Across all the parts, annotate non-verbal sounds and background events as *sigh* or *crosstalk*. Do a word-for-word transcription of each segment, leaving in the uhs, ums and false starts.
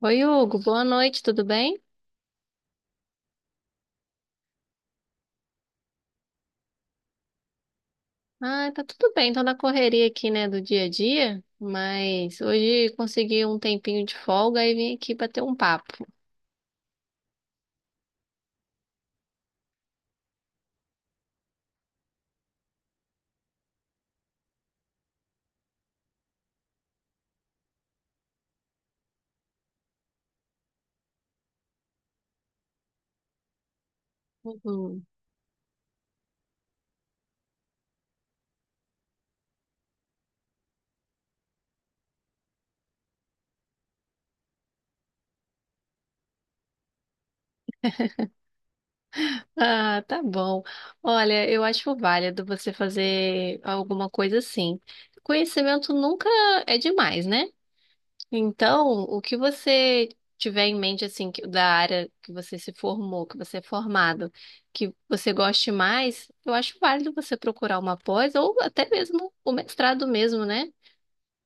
Oi, Hugo, boa noite, tudo bem? Ah, tá tudo bem, tô na correria aqui, né, do dia a dia, mas hoje consegui um tempinho de folga e vim aqui bater um papo. Uhum. Ah, tá bom. Olha, eu acho válido você fazer alguma coisa assim. Conhecimento nunca é demais, né? Então, o que você tiver em mente, assim, que- da área que você se formou, que você é formado, que você goste mais, eu acho válido você procurar uma pós ou até mesmo o mestrado mesmo, né?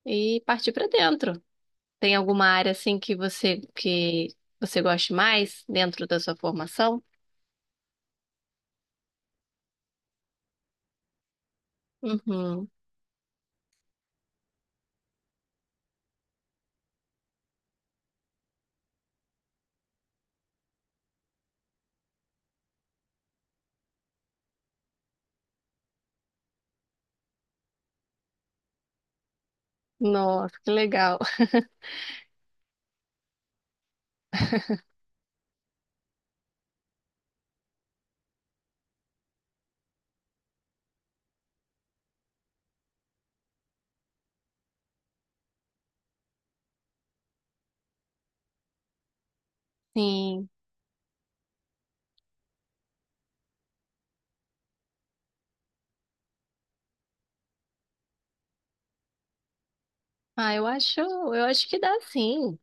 E partir para dentro. Tem alguma área, assim, que você que você goste mais dentro da sua formação? Uhum. Nossa, que legal. *laughs* Sim. Ah, eu acho, eu acho que dá sim.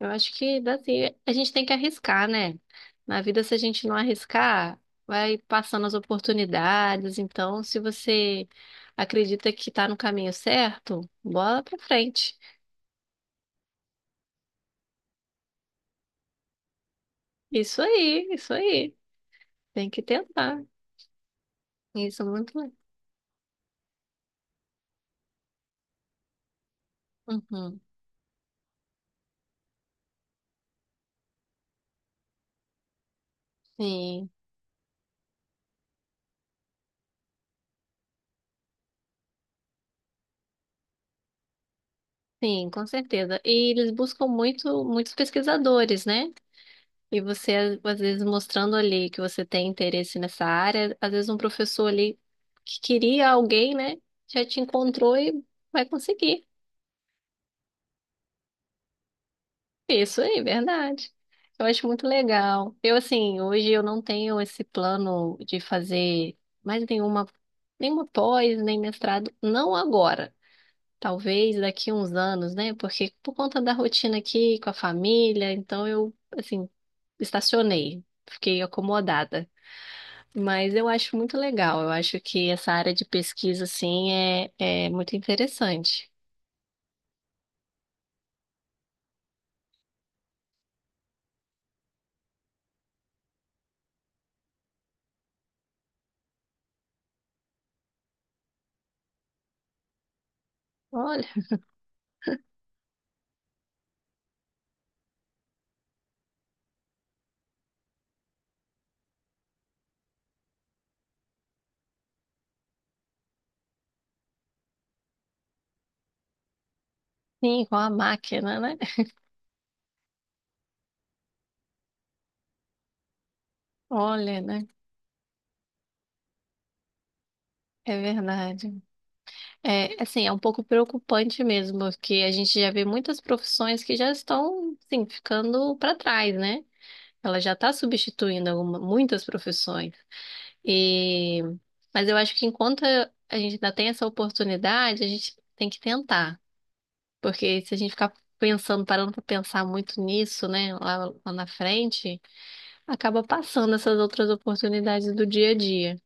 Eu acho que assim, a gente tem que arriscar, né? Na vida, se a gente não arriscar, vai passando as oportunidades. Então, se você acredita que tá no caminho certo, bola pra frente. Isso aí, isso aí. Tem que tentar. Isso é muito. le- Uhum. Sim, sim, com certeza. E eles buscam muito, muitos pesquisadores, né? E você, às vezes, mostrando ali que você tem interesse nessa área, às vezes um professor ali que queria alguém, né, já te encontrou e vai conseguir. Isso aí, verdade. Eu acho muito legal. Eu, assim, hoje eu não tenho esse plano de fazer mais nenhuma, nenhuma pós, nem mestrado, não agora. Talvez daqui uns anos, né? Porque por conta da rotina aqui com a família, então eu, assim, estacionei, fiquei acomodada. Mas eu acho muito legal. Eu acho que essa área de pesquisa, assim, é, é muito interessante. Olha, sim, com a máquina, né? Olha, né? É verdade. É, assim, é um pouco preocupante mesmo, porque a gente já vê muitas profissões que já estão, assim, ficando para trás, né? Ela já está substituindo alguma- muitas profissões. E... Mas eu acho que enquanto a gente ainda tem essa oportunidade, a gente tem que tentar. Porque se a gente ficar pensando, parando para pensar muito nisso, né, lá, lá na frente, acaba passando essas outras oportunidades do dia a dia.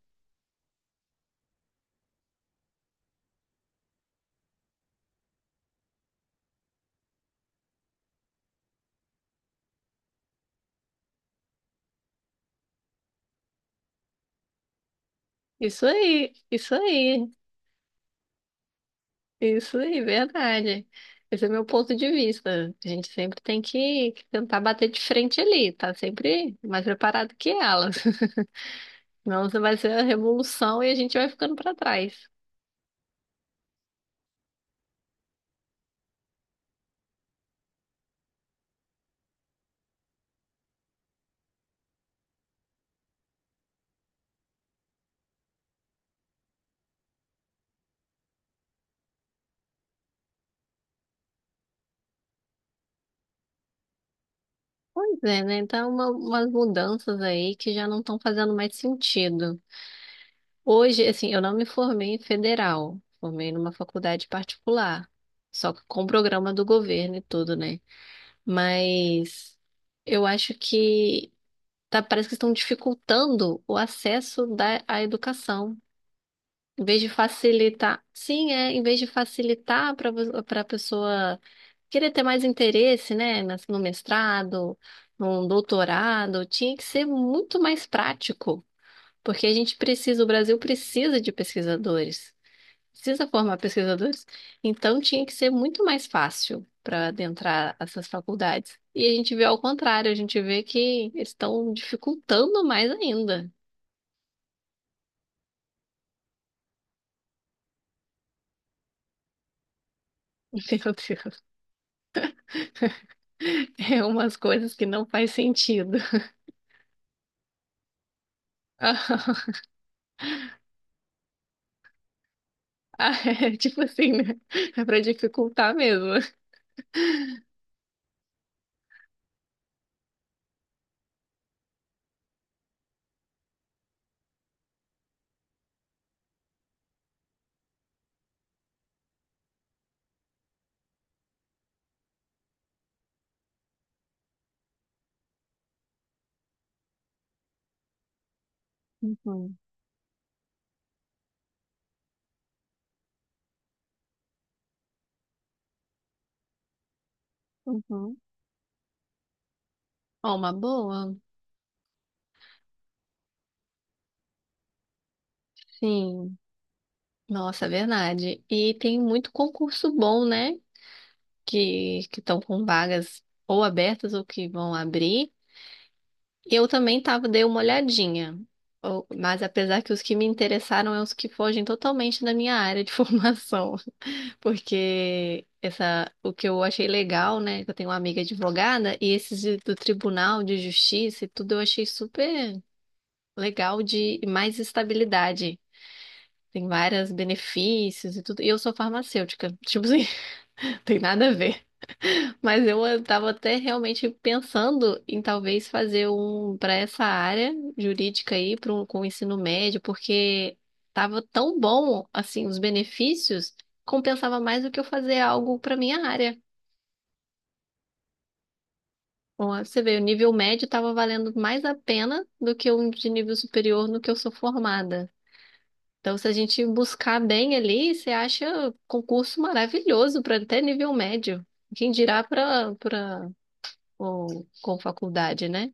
Isso aí, isso aí, isso aí, verdade. Esse é meu ponto de vista. A gente sempre tem que que tentar bater de frente ali, tá sempre mais preparado que elas. *laughs* Senão você vai ser a revolução e a gente vai ficando para trás. Pois é, né? Então, uma, umas mudanças aí que já não estão fazendo mais sentido. Hoje, assim, eu não me formei em federal, formei numa faculdade particular, só que com programa do governo e tudo, né? Mas eu acho que tá, parece que estão dificultando o acesso da, à educação. Em vez de facilitar, sim, é, em vez de facilitar para para a pessoa querer ter mais interesse, né, nas- no mestrado, no doutorado, tinha que ser muito mais prático, porque a gente precisa, o Brasil precisa de pesquisadores. Precisa formar pesquisadores? Então tinha que ser muito mais fácil para adentrar essas faculdades. E a gente vê ao contrário, a gente vê que eles estão dificultando mais ainda. *laughs* Meu Deus, é umas coisas que não faz sentido. *laughs* Ah, é tipo assim, né? É para dificultar mesmo. Uhum, uhum. Ó, uma boa? Sim. Nossa, é verdade. E tem muito concurso bom, né? Que que estão com vagas ou abertas ou que vão abrir. Eu também tava, dei uma olhadinha, Ou- mas apesar que os que me interessaram é os que fogem totalmente da minha área de *laughs* formação, porque essa, o que eu achei legal, né, que eu tenho uma amiga advogada, e esses de- do Tribunal de Justiça e tudo eu achei super legal de e mais estabilidade. Tem vários benefícios e tudo. E eu sou farmacêutica. *laughs* Tipo assim, *laughs* tem nada a ver. Mas eu estava até realmente pensando em talvez fazer um para essa área jurídica aí, para um, com o ensino médio, porque estava tão bom assim os benefícios, compensava mais do que eu fazer algo para minha área. Bom, você vê, o nível médio estava valendo mais a pena do que um de nível superior no que eu sou formada. Então, se a gente buscar bem ali, você acha concurso maravilhoso para até nível médio. Quem dirá para para com faculdade, né?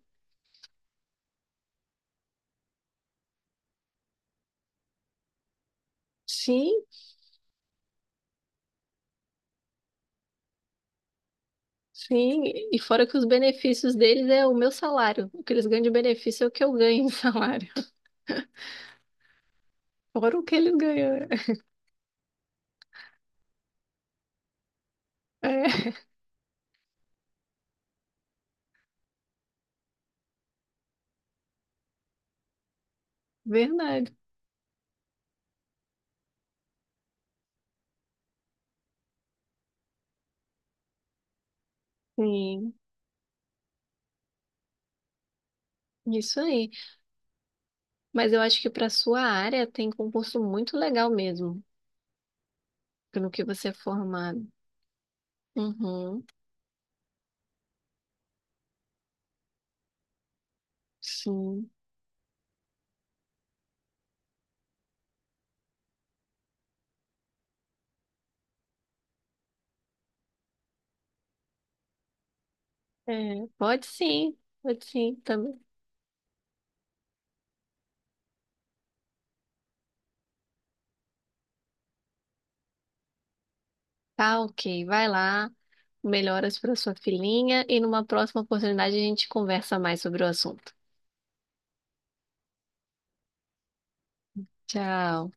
Sim, sim. E fora que os benefícios deles é o meu salário. O que eles ganham de benefício é o que eu ganho de salário. *laughs* Fora o que eles ganham. É é verdade. Sim, isso aí. Mas eu acho que para sua área tem concurso muito legal mesmo, pelo que você é formado. Uhum, sim. É, pode sim, pode sim também. Tá, ok. Vai lá, melhoras para sua filhinha e numa próxima oportunidade a gente conversa mais sobre o assunto. Tchau.